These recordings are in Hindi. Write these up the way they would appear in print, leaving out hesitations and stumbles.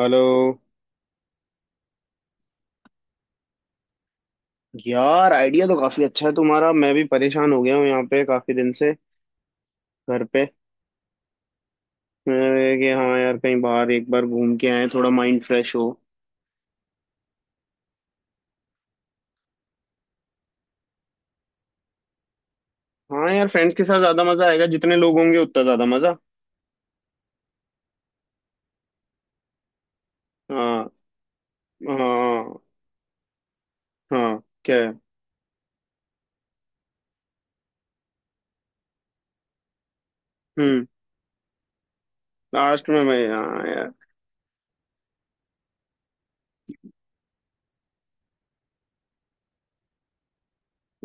हेलो। यार, आइडिया तो काफी अच्छा है तुम्हारा। मैं भी परेशान हो गया हूँ यहाँ पे काफी दिन से, घर पे। मैं कि हाँ यार, कहीं बाहर एक बार घूम के आए, थोड़ा माइंड फ्रेश हो। हाँ यार, फ्रेंड्स के साथ ज्यादा मजा आएगा, जितने लोग होंगे उतना ज्यादा मजा। हाँ। हाँ, हाँ क्या है। हम्म। लास्ट में, मैं हाँ यार।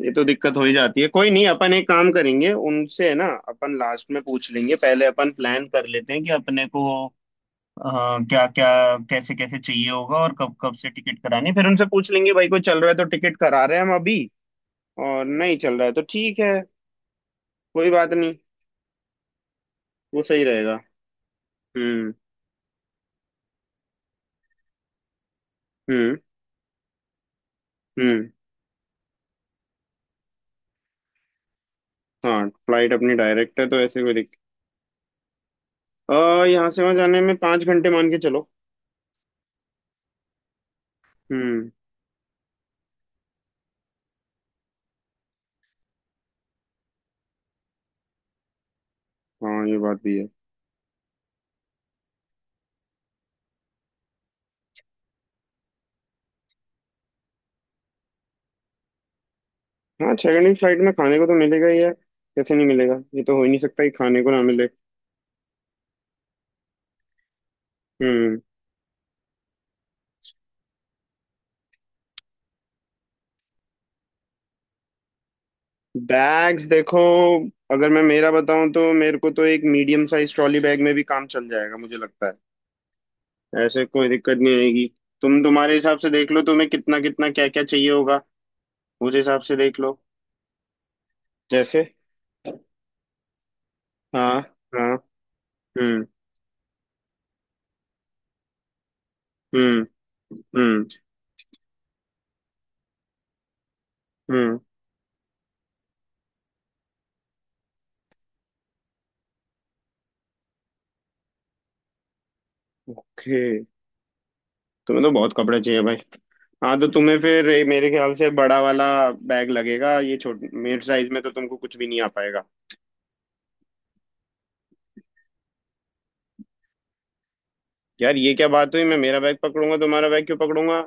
ये तो दिक्कत हो ही जाती है, कोई नहीं, अपन एक काम करेंगे, उनसे है ना, अपन लास्ट में पूछ लेंगे, पहले अपन प्लान कर लेते हैं कि अपने को। हाँ, क्या क्या, कैसे कैसे चाहिए होगा और कब कब से टिकट करानी है। फिर उनसे पूछ लेंगे भाई, कोई चल रहा है तो टिकट करा रहे हैं हम अभी, और नहीं चल रहा है तो ठीक है, कोई बात नहीं। वो सही रहेगा। हम्म। हम्म। हम्म। हाँ, फ्लाइट अपनी डायरेक्ट है तो ऐसे कोई दिक्कत। आ यहाँ से वहाँ जाने में 5 घंटे मान के चलो। हम्म। हाँ, ये बात भी है। हाँ, 6 घंटे की फ्लाइट में खाने को तो मिलेगा ही यार, कैसे नहीं मिलेगा, ये तो हो ही नहीं सकता कि खाने को ना मिले। हम्म। बैग्स देखो, अगर मैं मेरा बताऊं तो मेरे को तो एक मीडियम साइज ट्रॉली बैग में भी काम चल जाएगा मुझे लगता है, ऐसे कोई दिक्कत नहीं आएगी। तुम तुम्हारे हिसाब से देख लो, तुम्हें कितना कितना क्या क्या चाहिए होगा उस हिसाब से देख लो। जैसे। हाँ। हाँ। हम्म। हम्म। हम्म। हम्म। ओके। तुम्हें तो बहुत कपड़े चाहिए भाई। हाँ तो तुम्हें फिर ये मेरे ख्याल से बड़ा वाला बैग लगेगा, ये छोटे मेरे साइज में तो तुमको कुछ भी नहीं आ पाएगा। यार, ये क्या बात हुई, मैं मेरा बैग पकड़ूंगा, तुम्हारा बैग क्यों पकड़ूंगा।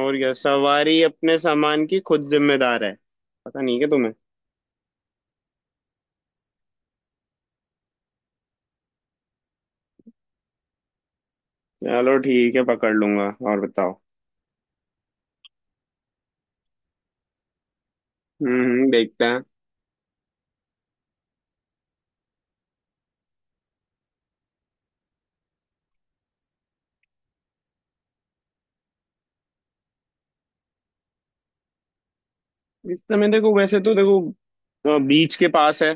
और क्या, सवारी अपने सामान की खुद जिम्मेदार है, पता नहीं क्या तुम्हें। चलो ठीक है, पकड़ लूंगा। और बताओ। हम्म, देखते हैं। इस समय देखो, वैसे तो देखो बीच के पास है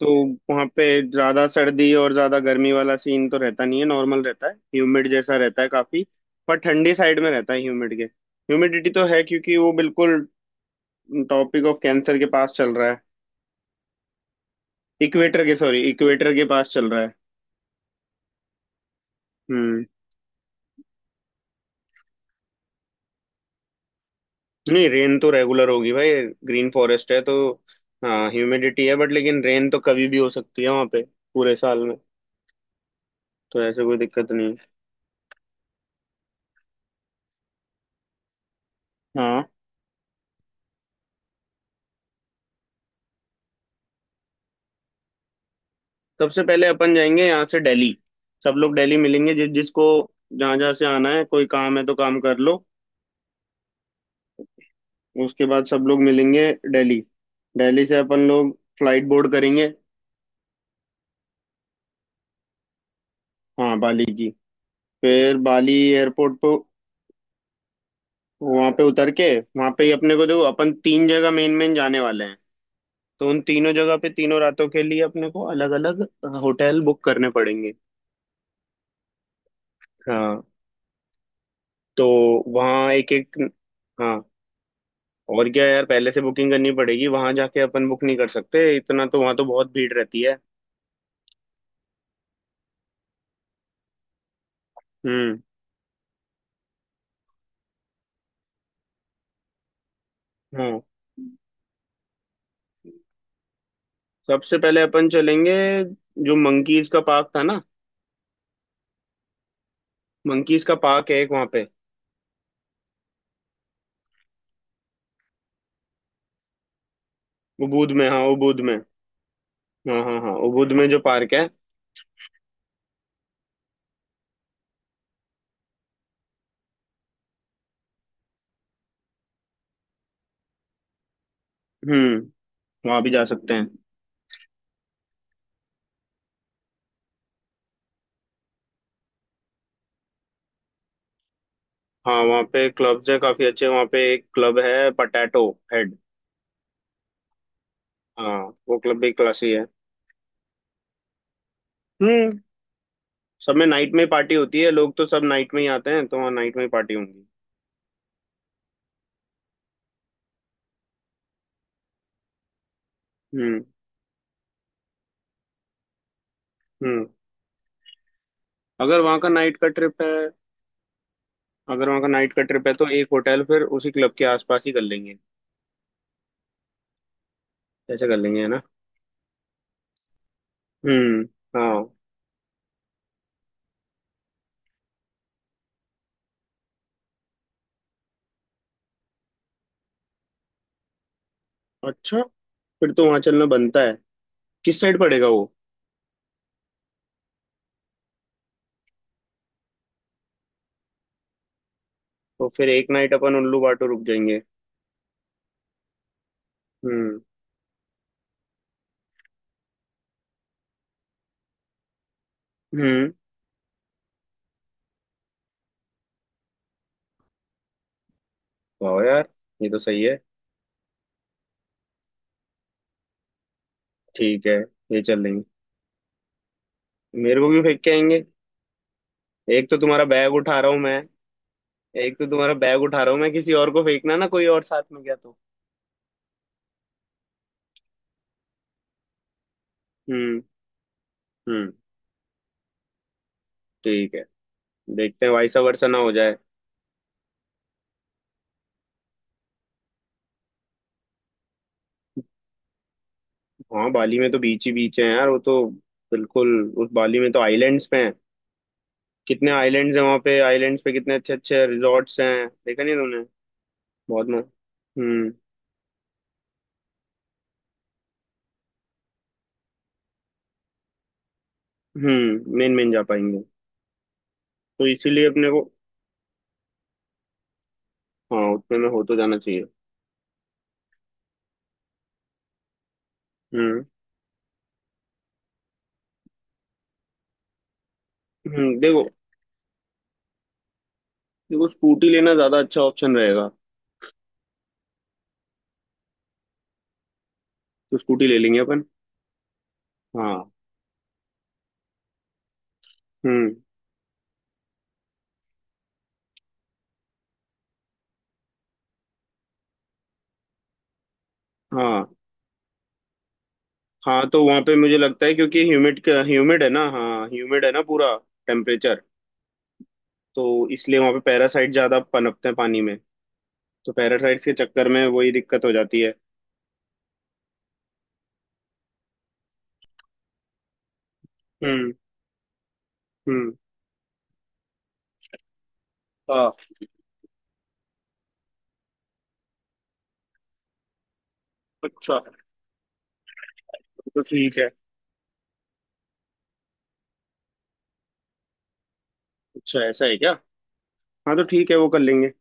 तो वहां पे ज्यादा सर्दी और ज्यादा गर्मी वाला सीन तो रहता नहीं है, नॉर्मल रहता है, ह्यूमिड जैसा रहता है काफी। पर ठंडी साइड में रहता है, ह्यूमिडिटी तो है, क्योंकि वो बिल्कुल टॉपिक ऑफ कैंसर के पास चल रहा है। इक्वेटर के पास चल रहा है। हम्म। नहीं, रेन तो रेगुलर होगी भाई, ग्रीन फॉरेस्ट है तो। हाँ, ह्यूमिडिटी है बट, लेकिन रेन तो कभी भी हो सकती है वहाँ पे, पूरे साल में। तो ऐसे कोई दिक्कत नहीं है। हाँ, सबसे पहले अपन जाएंगे यहाँ से दिल्ली। सब लोग दिल्ली मिलेंगे, जिस जिसको जहाँ जहाँ से आना है, कोई काम है तो काम कर लो। उसके बाद सब लोग मिलेंगे दिल्ली। दिल्ली से अपन लोग फ्लाइट बोर्ड करेंगे। हाँ, बाली की। फिर बाली एयरपोर्ट पर वहाँ पे उतर के, वहाँ पे ही अपने को, देखो अपन तीन जगह मेन मेन जाने वाले हैं, तो उन तीनों जगह पे तीनों रातों के लिए अपने को अलग अलग होटल बुक करने पड़ेंगे। हाँ तो वहाँ एक एक। हाँ और क्या यार, पहले से बुकिंग करनी पड़ेगी, वहां जाके अपन बुक नहीं कर सकते इतना, तो वहां तो बहुत भीड़ रहती है। हम्म। हाँ, सबसे पहले अपन चलेंगे, जो मंकीज का पार्क था ना, मंकीज का पार्क है एक वहाँ पे। उबूद में, हाँ उबूद में। हाँ हाँ हाँ, उबूद में जो पार्क है। हम्म, वहाँ भी जा सकते हैं। हाँ, वहाँ पे क्लब्स है काफी अच्छे, वहाँ पे एक क्लब है, पटैटो हेड। हाँ, वो क्लब भी क्लास ही है। हम्म। सब में नाइट में पार्टी होती है, लोग तो सब नाइट में ही आते हैं, तो वहाँ नाइट में ही पार्टी होंगी। हम्म। हम्म। अगर वहाँ का नाइट का ट्रिप है, अगर वहाँ का नाइट का ट्रिप है तो एक होटल फिर उसी क्लब के आसपास ही कर लेंगे। ऐसा कर लेंगे है ना। हम्म। हाँ। अच्छा, फिर तो वहाँ चलना बनता है। किस साइड पड़ेगा वो। तो फिर एक नाइट अपन उल्लू बाटो रुक जाएंगे। हम्म। हम्म। वाह यार, ये तो सही है। ठीक है, ये चल लेंगे। मेरे को भी फेंक के आएंगे। एक तो तुम्हारा बैग उठा रहा हूँ मैं। एक तो तुम्हारा बैग उठा रहा हूँ मैं, किसी और को फेंकना ना, कोई और साथ में गया तो। हम्म। हम्म। ठीक है, देखते हैं, वैसा वर्षा ना हो जाए। हाँ, बाली में तो बीच ही बीच है यार वो तो, बिल्कुल। उस बाली में तो आइलैंड्स पे हैं, कितने आइलैंड्स हैं वहाँ पे, आइलैंड्स पे कितने अच्छे अच्छे रिजॉर्ट्स हैं, देखा नहीं तुमने, बहुत मस्त। हम्म। हम्म, मेन मेन जा पाएंगे। तो इसीलिए अपने को, हाँ उतने में हो तो जाना चाहिए। हम्म। देखो, देखो स्कूटी लेना ज्यादा अच्छा ऑप्शन रहेगा। तो स्कूटी ले लेंगे अपन। हाँ। हम्म। हाँ। हाँ तो वहाँ पे मुझे लगता है क्योंकि ह्यूमिड ह्यूमिड है ना, हाँ ह्यूमिड है ना पूरा टेम्परेचर, तो इसलिए वहाँ पे पैरासाइट ज्यादा पनपते हैं पानी में। तो पैरासाइट्स के चक्कर में वही दिक्कत हो जाती है। हम्म। हम्म। हाँ। अच्छा। तो ठीक है। अच्छा, ऐसा है क्या। हाँ तो ठीक है, वो कर लेंगे।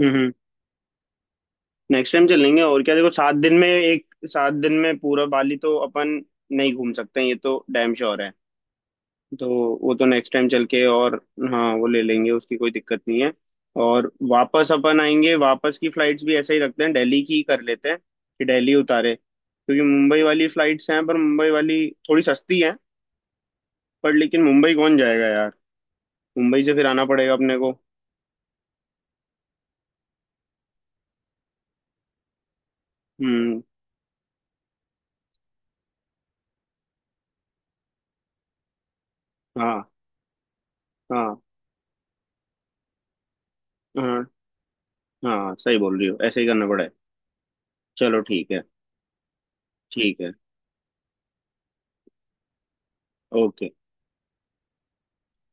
हम्म। नेक्स्ट टाइम चलेंगे, और क्या, देखो 7 दिन में एक, 7 दिन में पूरा बाली तो अपन नहीं घूम सकते हैं, ये तो डैम श्योर है। तो वो तो नेक्स्ट टाइम चल के। और हाँ, वो ले लेंगे, उसकी कोई दिक्कत नहीं है। और वापस अपन आएंगे, वापस की फ्लाइट्स भी ऐसे ही रखते हैं, दिल्ली की ही कर लेते हैं, कि दिल्ली उतारे, क्योंकि मुंबई वाली फ्लाइट्स हैं, पर मुंबई वाली थोड़ी सस्ती है, पर लेकिन मुंबई कौन जाएगा यार, मुंबई से फिर आना पड़ेगा अपने को। हम्म। हाँ, हाँ, हाँ। हाँ, सही बोल रही हो, ऐसे ही करना पड़ेगा। चलो ठीक है। ठीक है। ओके।